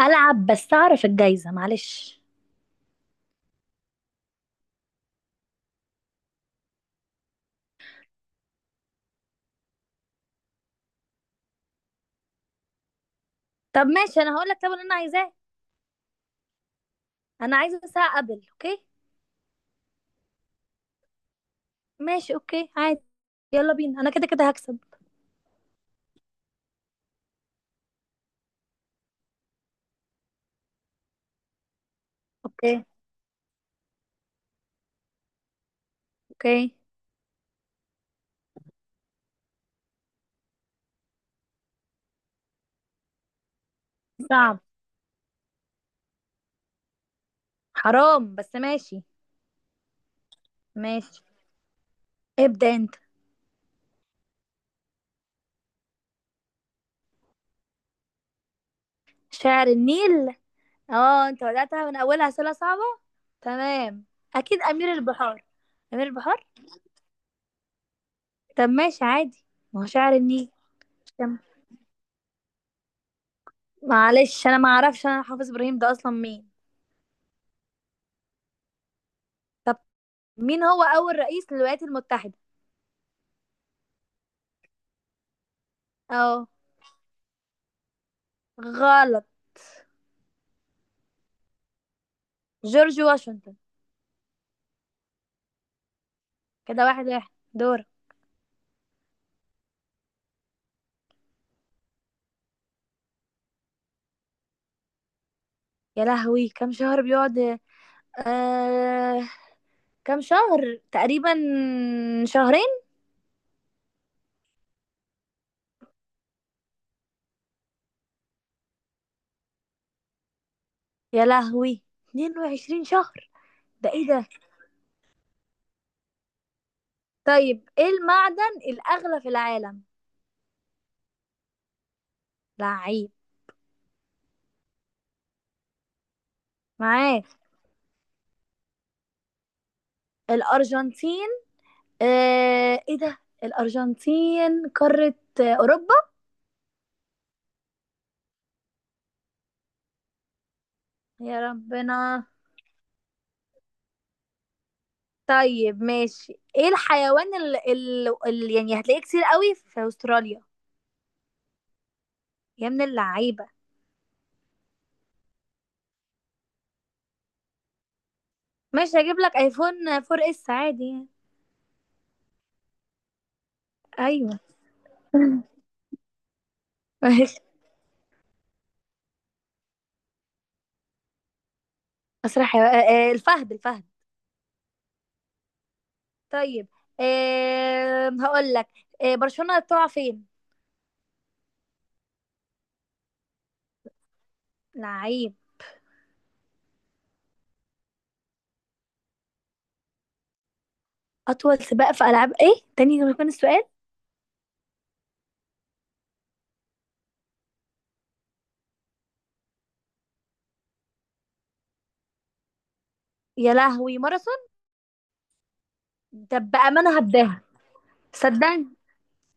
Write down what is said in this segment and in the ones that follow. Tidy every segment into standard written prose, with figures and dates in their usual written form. العب بس اعرف الجايزه، معلش. طب ماشي، انا هقول لك طب اللي انا عايزاه. انا عايزه ساعه، قبل. اوكي. ماشي، اوكي عادي. يلا بينا، انا كده كده هكسب. اوكي. اوكي. صعب. حرام، بس ماشي. ماشي، ابدا انت. شاعر النيل؟ اه، انت بداتها من اولها اسئله صعبه. تمام. اكيد امير البحار. امير البحار. طب ماشي عادي. ما هو شاعر النيل. كم- معلش انا ما اعرفش، انا حافظ ابراهيم ده اصلا مين؟ طب مين هو اول رئيس للولايات المتحده؟ اه. غلط. جورج واشنطن. كده واحد واحد، دور. يا لهوي، كم شهر بيقعد؟ آه... كم شهر تقريبا؟ شهرين. يا لهوي، 22 شهر! ده ايه ده؟ طيب، ايه المعدن الأغلى في العالم؟ لعيب. معاك. الأرجنتين. ايه ده؟ الأرجنتين قارة؟ أوروبا. يا ربنا. طيب ماشي، ايه الحيوان اللي يعني هتلاقيه كتير قوي في أستراليا؟ يا من اللعيبة. ماشي، هجيب لك ايفون 4 اس عادي يعني. ايوه. ماشي. مسرح يا- آه، آه، الفهد الفهد. طيب، هقول لك. برشلونة تقع فين؟ لعيب. اطول سباق في العاب ايه تاني لما يكون السؤال؟ يا لهوي، ماراثون. ده بامانه هبداها. صدقني.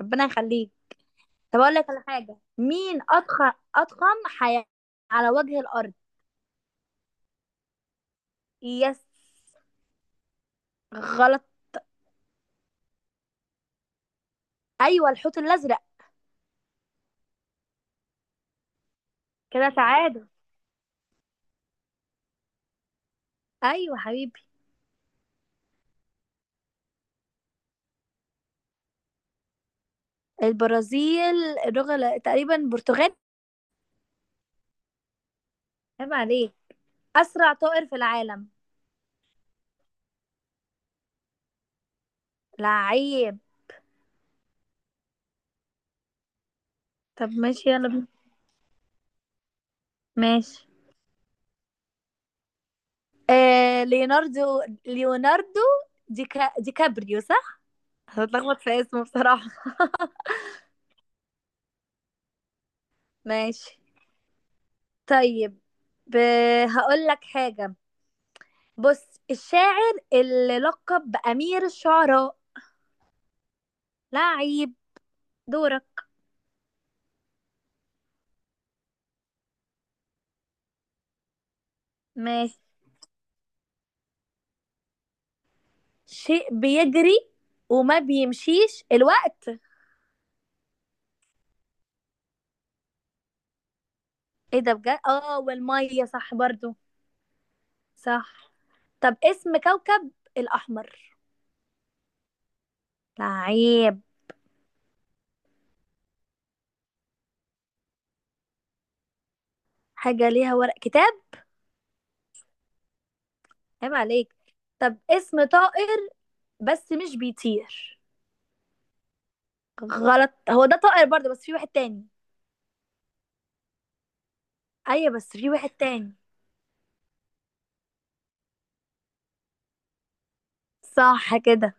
ربنا يخليك. طب اقول لك على حاجه. مين اضخم حيوان على وجه الارض؟ يس. غلط. ايوه، الحوت الازرق. كده تعادل. ايوه حبيبي. البرازيل. تقريبا برتغال. عيب عليك. أسرع طائر في العالم؟ لعيب. طب ماشي، يلا بينا. ماشي. آه، ليوناردو. دي كابريو، صح؟ هتلخبط في اسمه بصراحة. ماشي. طيب. ب... هقول لك حاجة. بص، الشاعر اللي لقب بأمير الشعراء. لعيب. دورك. ماشي. شيء بيجري. وما بيمشيش الوقت. ايه ده بجد! اه والمية صح برضو. صح. طب اسم كوكب الأحمر. لعيب. حاجة ليها ورق، كتاب. عيب عليك. طب اسم طائر بس مش بيطير. غلط، هو ده طائر برضه، بس في واحد تاني. أيوة بس في واحد تاني. صح كده.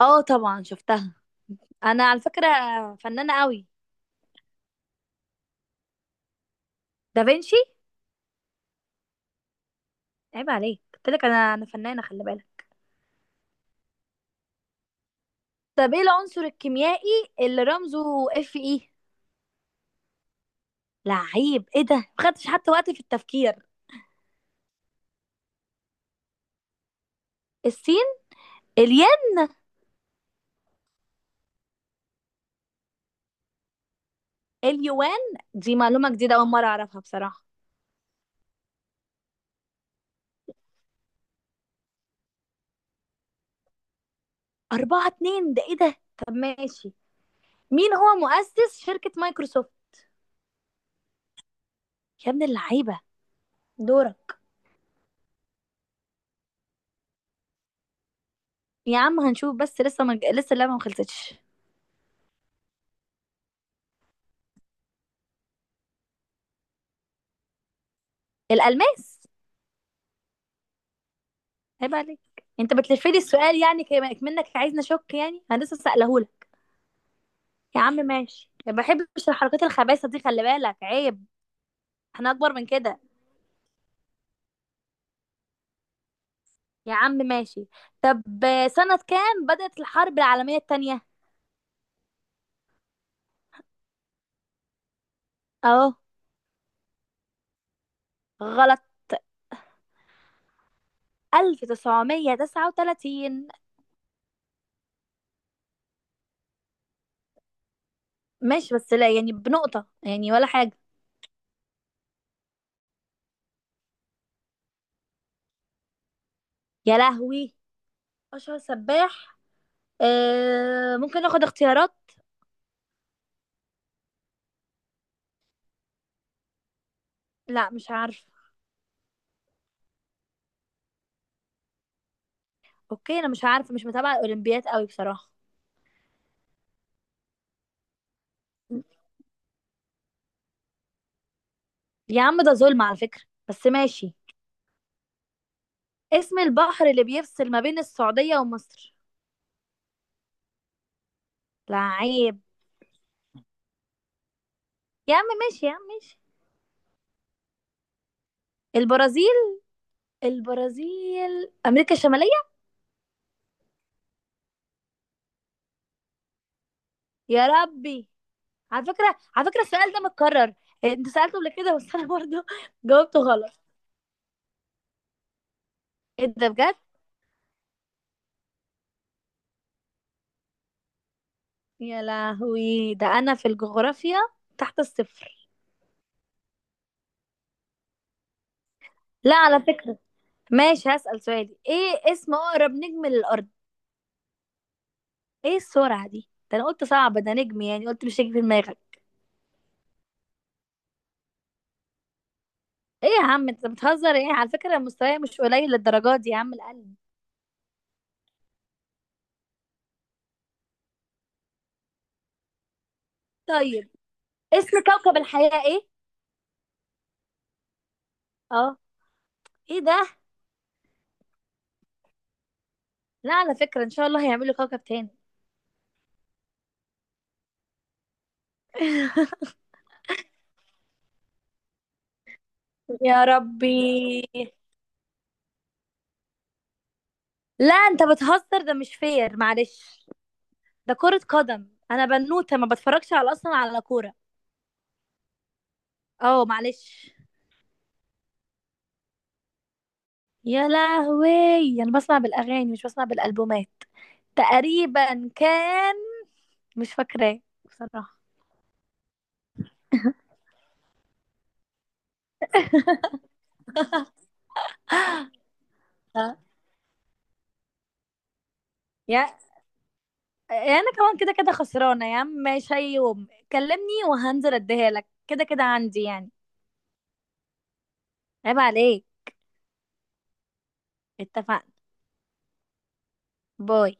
اه طبعا شفتها. أنا على فكرة فنانة قوي. دافنشي. عيب عليك، قلت لك أنا فنانة، خلي بالك. طب ايه العنصر الكيميائي اللي رمزه اف اي؟ لعيب، ايه ده، ما خدتش حتى وقت في التفكير. السين الياء. اليوان. دي معلومة جديدة، أول مرة أعرفها بصراحة. أربعة اتنين، ده إيه ده؟ طب ماشي، مين هو مؤسس شركة مايكروسوفت؟ يا ابن اللعيبة. دورك. يا عم هنشوف، بس لسه، ما لسه اللعبة ما خلصتش. الألماس. عيب عليك، أنت بتلفلي السؤال يعني، منك عايزني أشك يعني، أنا لسه سألهولك. يا عم ماشي، ما بحبش الحركات الخبيثة دي، خلي بالك عيب. احنا أكبر من كده. يا عم ماشي. طب، سنة كام بدأت الحرب العالمية التانية؟ أهو. غلط. 1939. ماشي، بس لا يعني بنقطة يعني ولا حاجة. يا لهوي، أشهر سباح. آه، ممكن اخد اختيارات؟ لا، مش عارفة. اوكي، انا مش عارفة، مش متابعة الاولمبياد قوي بصراحة. يا عم ده ظلم على فكرة، بس ماشي. اسم البحر اللي بيفصل ما بين السعودية ومصر. لعيب. يا عم ماشي، يا عم ماشي. البرازيل. البرازيل أمريكا الشمالية. يا ربي. على فكرة السؤال ده متكرر، انت سألته قبل كده، بس انا برضو جاوبته غلط. ايه ده بجد. يا لهوي، ده انا في الجغرافيا تحت الصفر. لا على فكرة. ماشي، هسأل سؤالي. ايه اسم اقرب نجم للارض؟ ايه السرعة دي، ده انا قلت صعب، ده نجم يعني، قلت مش هيجي في دماغك. ايه يا عم، انت بتهزر ايه، على فكرة مستواي مش قليل للدرجات دي يا عم. القلب. طيب اسم كوكب الحياة ايه؟ اه. ايه ده. لا على فكرة، ان شاء الله هيعملوا كوكب تاني. يا ربي. لا انت بتهزر، ده مش فير معلش، ده كرة قدم، انا بنوتة ما بتفرجش على اصلا على كورة. اه معلش. يا لهوي، انا بسمع بالاغاني، مش بسمع بالالبومات. تقريبا كان. مش فاكراه بصراحة. آه. يا، انا كمان كده كده خسرانة يا عم. ماشي، أي يوم كلمني وهنزل اديها لك، كده كده عندي يعني. عيب عليك. اتفقنا. باي.